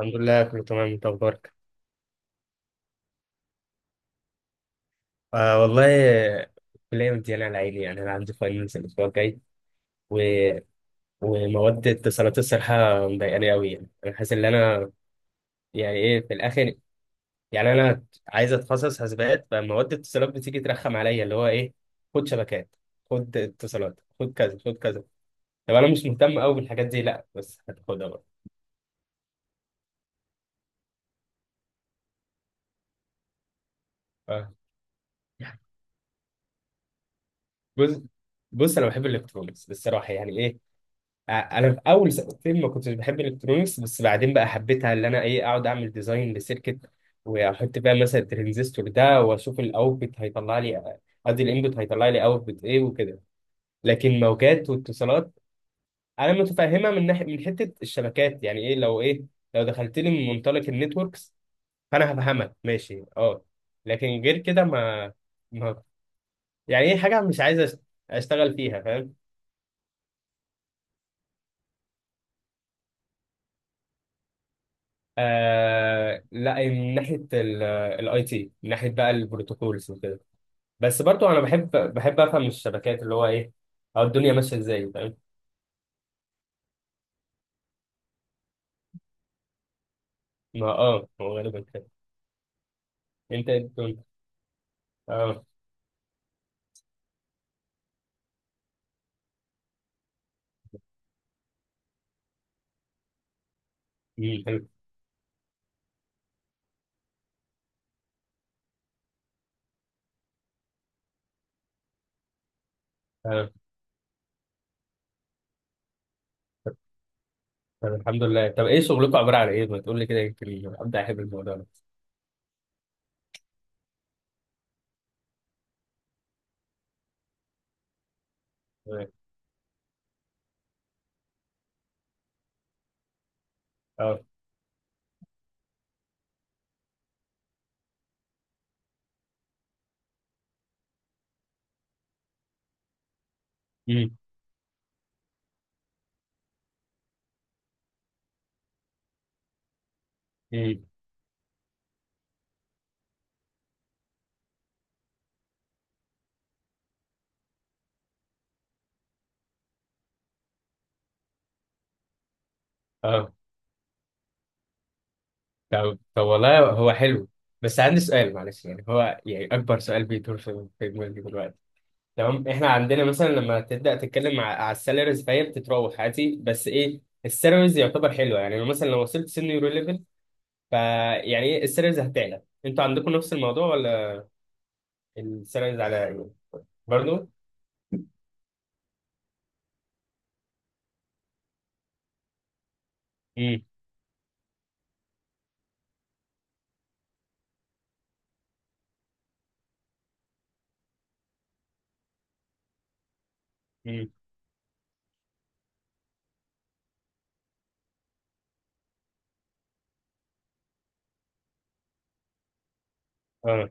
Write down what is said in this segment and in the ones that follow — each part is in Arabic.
الحمد لله، كله تمام. انت اخبارك؟ آه والله. الكليه مديانه على عيني. يعني انا عندي فاينلز الاسبوع الجاي و... ومواد اتصالات الصراحه مضايقاني قوي. يعني انا حاسس ان انا يعني ايه، في الاخر يعني انا عايز اتخصص حاسبات، فمواد اتصالات بتيجي ترخم عليا اللي هو ايه، خد شبكات، خد اتصالات، خد كذا خد كذا. طب انا مش مهتم قوي بالحاجات دي، لا بس هتاخدها بقى. آه. بص، بص انا بحب الالكترونكس الصراحه، يعني إيه، انا في اول سنتين ما كنتش بحب الالكترونيكس، بس بعدين بقى حبيتها، اللي انا ايه اقعد اعمل ديزاين لسيركت واحط بقى مثلا الترانزستور ده واشوف الاوتبوت هيطلع لي، قصدي الانبوت هيطلع لي اوتبوت ايه وكده. لكن موجات واتصالات، انا متفهمها من ناحيه، من حته الشبكات، يعني ايه لو ايه، لو دخلت لي من منطلق النتوركس فانا هفهمك ماشي، اه. لكن غير كده ما يعني ايه حاجه مش عايز اشتغل فيها، فاهم. آه لا، من ناحيه الاي تي، من ناحيه بقى البروتوكولز وكده، بس برضو انا بحب افهم الشبكات، اللي هو ايه أو الدنيا ماشيه ازاي، فاهم. ما اه هو غالبا كده. انت إيه الدنيا؟ اه. مم، حلو. اه. طب طب الحمد لله. طب ايه شغلكم، عباره عن ايه؟ ما تقول لي كده يمكن ابدا احب الموضوع ده. تمام. اه. مم. مم. اه. طب والله هو حلو. بس عندي سؤال معلش، يعني هو يعني اكبر سؤال بيدور في دماغي دلوقتي. تمام، احنا عندنا مثلا لما تبدا تتكلم على السالاريز، فهي بتتراوح عادي، بس ايه السالاريز يعتبر حلوه يعني، لو مثلا لو وصلت سينيور ليفل فيعني ايه السالاريز هتعلى؟ انتوا عندكم نفس الموضوع ولا؟ السالاريز على يعني. برضه. امم. امم. اه.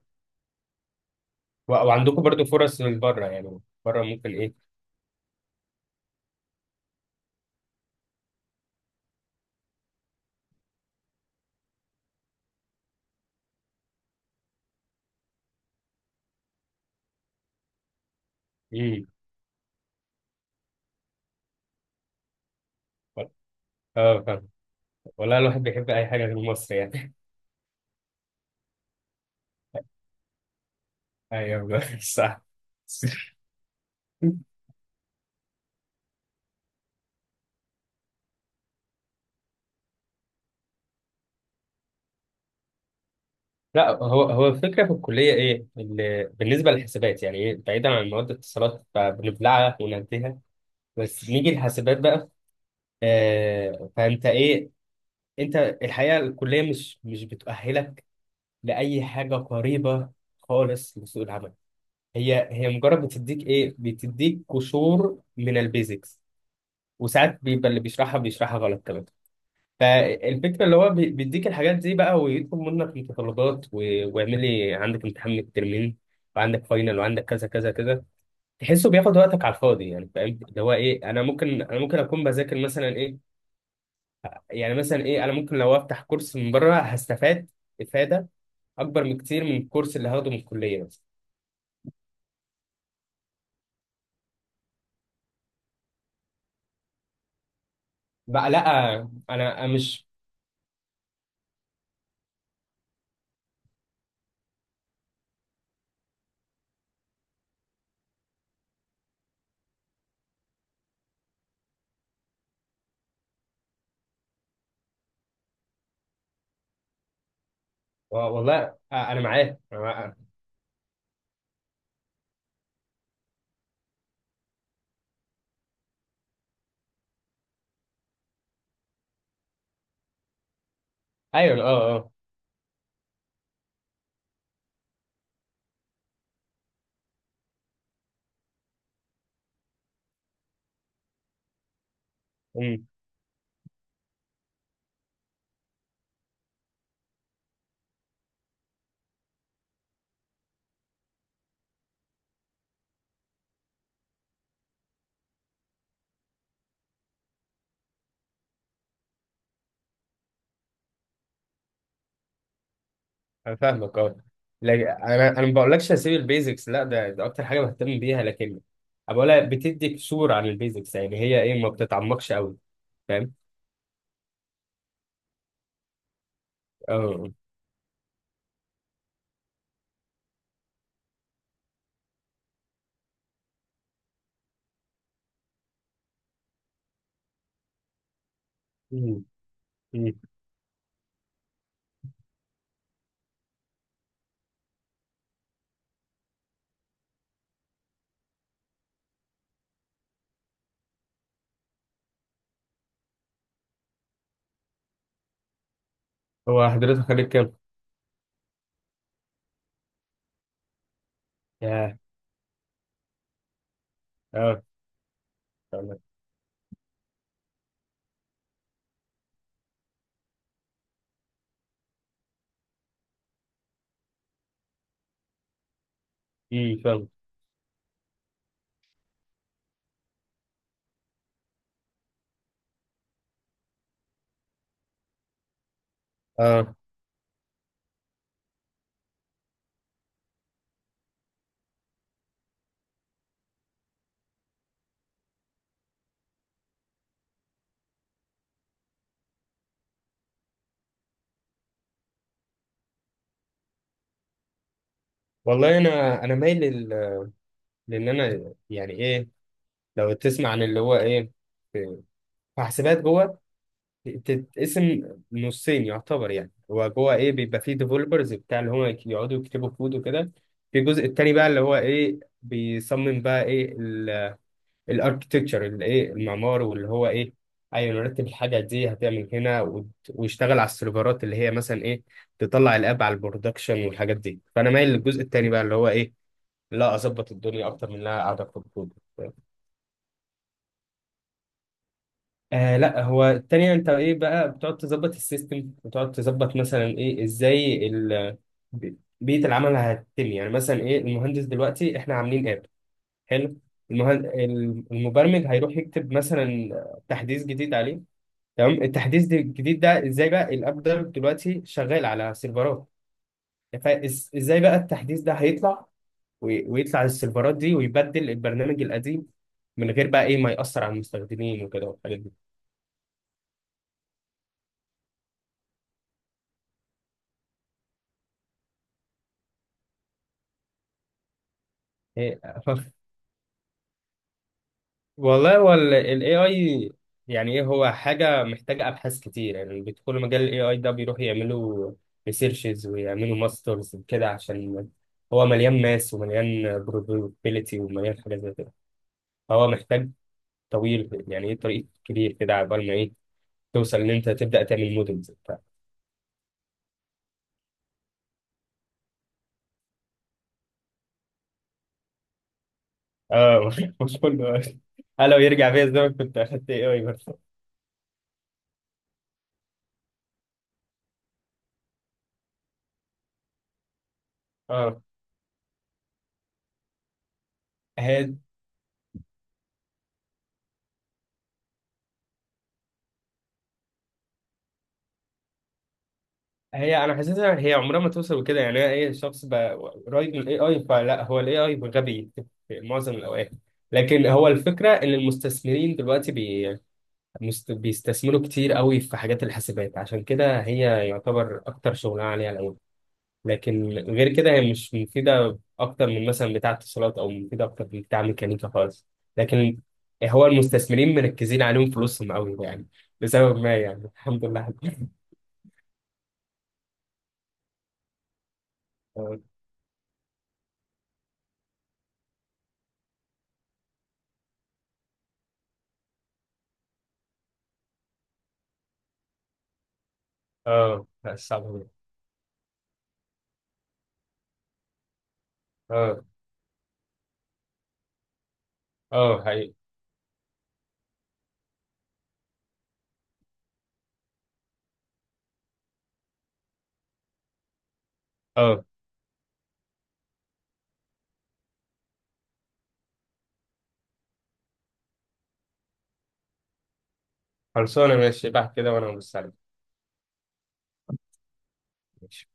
وعندكم برضه فرص من بره؟ يعني بره ممكن ايه. امم. اه فاهم. والله الواحد بيحب اي حاجه غير مصر يعني. ايوه صح. لا، هو الفكره في الكليه ايه، اللي بالنسبه للحسابات يعني ايه، بعيدا عن مواد الاتصالات فبنبلعها وننتهي، بس نيجي الحسابات بقى. آه، فانت ايه، انت الحقيقه الكليه مش بتؤهلك لاي حاجه قريبه خالص لسوق العمل. هي مجرد بتديك ايه، بتديك قشور من البيزكس، وساعات بيبقى اللي بيشرحها غلط كمان. فالفكرة اللي هو بيديك الحاجات دي بقى، ويطلب منك متطلبات، واعملي عندك امتحان من الترمين، وعندك فاينل، وعندك كذا كذا كذا، تحسه بياخد وقتك على الفاضي، يعني فاهم اللي هو ايه. انا ممكن اكون بذاكر مثلا ايه، يعني مثلا ايه، انا ممكن لو افتح كورس من بره هستفاد افادة اكبر من كتير من الكورس اللي هاخده من الكلية مثلا. بقى لا، انا مش. والله انا معاك، أنا معاك. ايوه اه. اه. انا فاهمك اه. لكن انا ما بقولكش هسيب البيزكس، لا، ده، ده اكتر حاجه بهتم بيها، لكن أنا بقولها بتديك صوره عن البيزكس، يعني هي ايه، ما بتتعمقش قوي، فاهم. اه. أمم. أمم. هو حضرتك خدت كام؟ ياه. اه فاهمك. فاهم. اه. والله انا مايل لان انا يعني ايه، لو تسمع عن اللي هو ايه، في، في حاسبات جوه تتقسم نصين يعتبر، يعني هو جوه ايه بيبقى فيه ديفلوبرز بتاع اللي هم يقعدوا يكتبوا كود وكده. في الجزء التاني بقى، اللي هو ايه، بيصمم بقى ايه الاركتكتشر، اللي ايه المعمار، واللي هو ايه، ايوه نرتب الحاجه دي هتعمل هنا ويشتغل على السيرفرات، اللي هي مثلا ايه تطلع الاب على البرودكشن والحاجات دي. فانا مايل للجزء التاني بقى، اللي هو ايه، لا اظبط الدنيا اكتر من انها قاعده اكتب كود. آه لا، هو التانية انت ايه بقى، بتقعد تظبط السيستم، بتقعد تظبط مثلا ايه ازاي ال بيئة العمل هتتم، يعني مثلا ايه، المهندس دلوقتي احنا عاملين اب، حلو. المبرمج هيروح يكتب مثلا تحديث جديد عليه، تمام. التحديث الجديد ده ازاي بقى الاب ده دلوقتي شغال على سيرفرات، فازاي بقى التحديث ده هيطلع، ويطلع للسيرفرات دي، ويبدل البرنامج القديم من غير بقى ايه ما يأثر على المستخدمين وكده والحاجات دي. والله هو ال AI، يعني ايه، هو حاجة محتاجة ابحاث كتير. يعني بيدخلوا مجال ال AI ده بيروحوا يعملوا ريسيرشز ويعملوا ماسترز كده، عشان هو مليان ماس ومليان probability ومليان حاجات زي كده، فهو محتاج طويل، يعني ايه طريق كبير كده عقبال ما ايه توصل ان انت تبدأ تعمل مودلز وبتاع. اه. مش كله قال لو يرجع بيا الزمن كنت اخدت AI بس. اه. هي انا حاسسها هي عمرها ما توصل لكده، يعني هي ايه الشخص بقى قريب من الاي اي فلا، هو الاي اي غبي في معظم الاوقات. لكن هو الفكره ان المستثمرين دلوقتي بيستثمروا كتير قوي في حاجات الحاسبات، عشان كده هي يعتبر اكتر شغلانه عليها الاول، لكن غير كده هي مش مفيده اكتر من مثلا بتاع اتصالات، او مفيده اكتر من بتاع ميكانيكا خالص، لكن هو المستثمرين مركزين عليهم فلوسهم قوي يعني، لسبب ما يعني. الحمد لله. اه. آه، لا، صعب أوي. اه، اه، حقيقي. اه. خلصانه ماشي بقى كده، وانا ببص عليك. ماشي.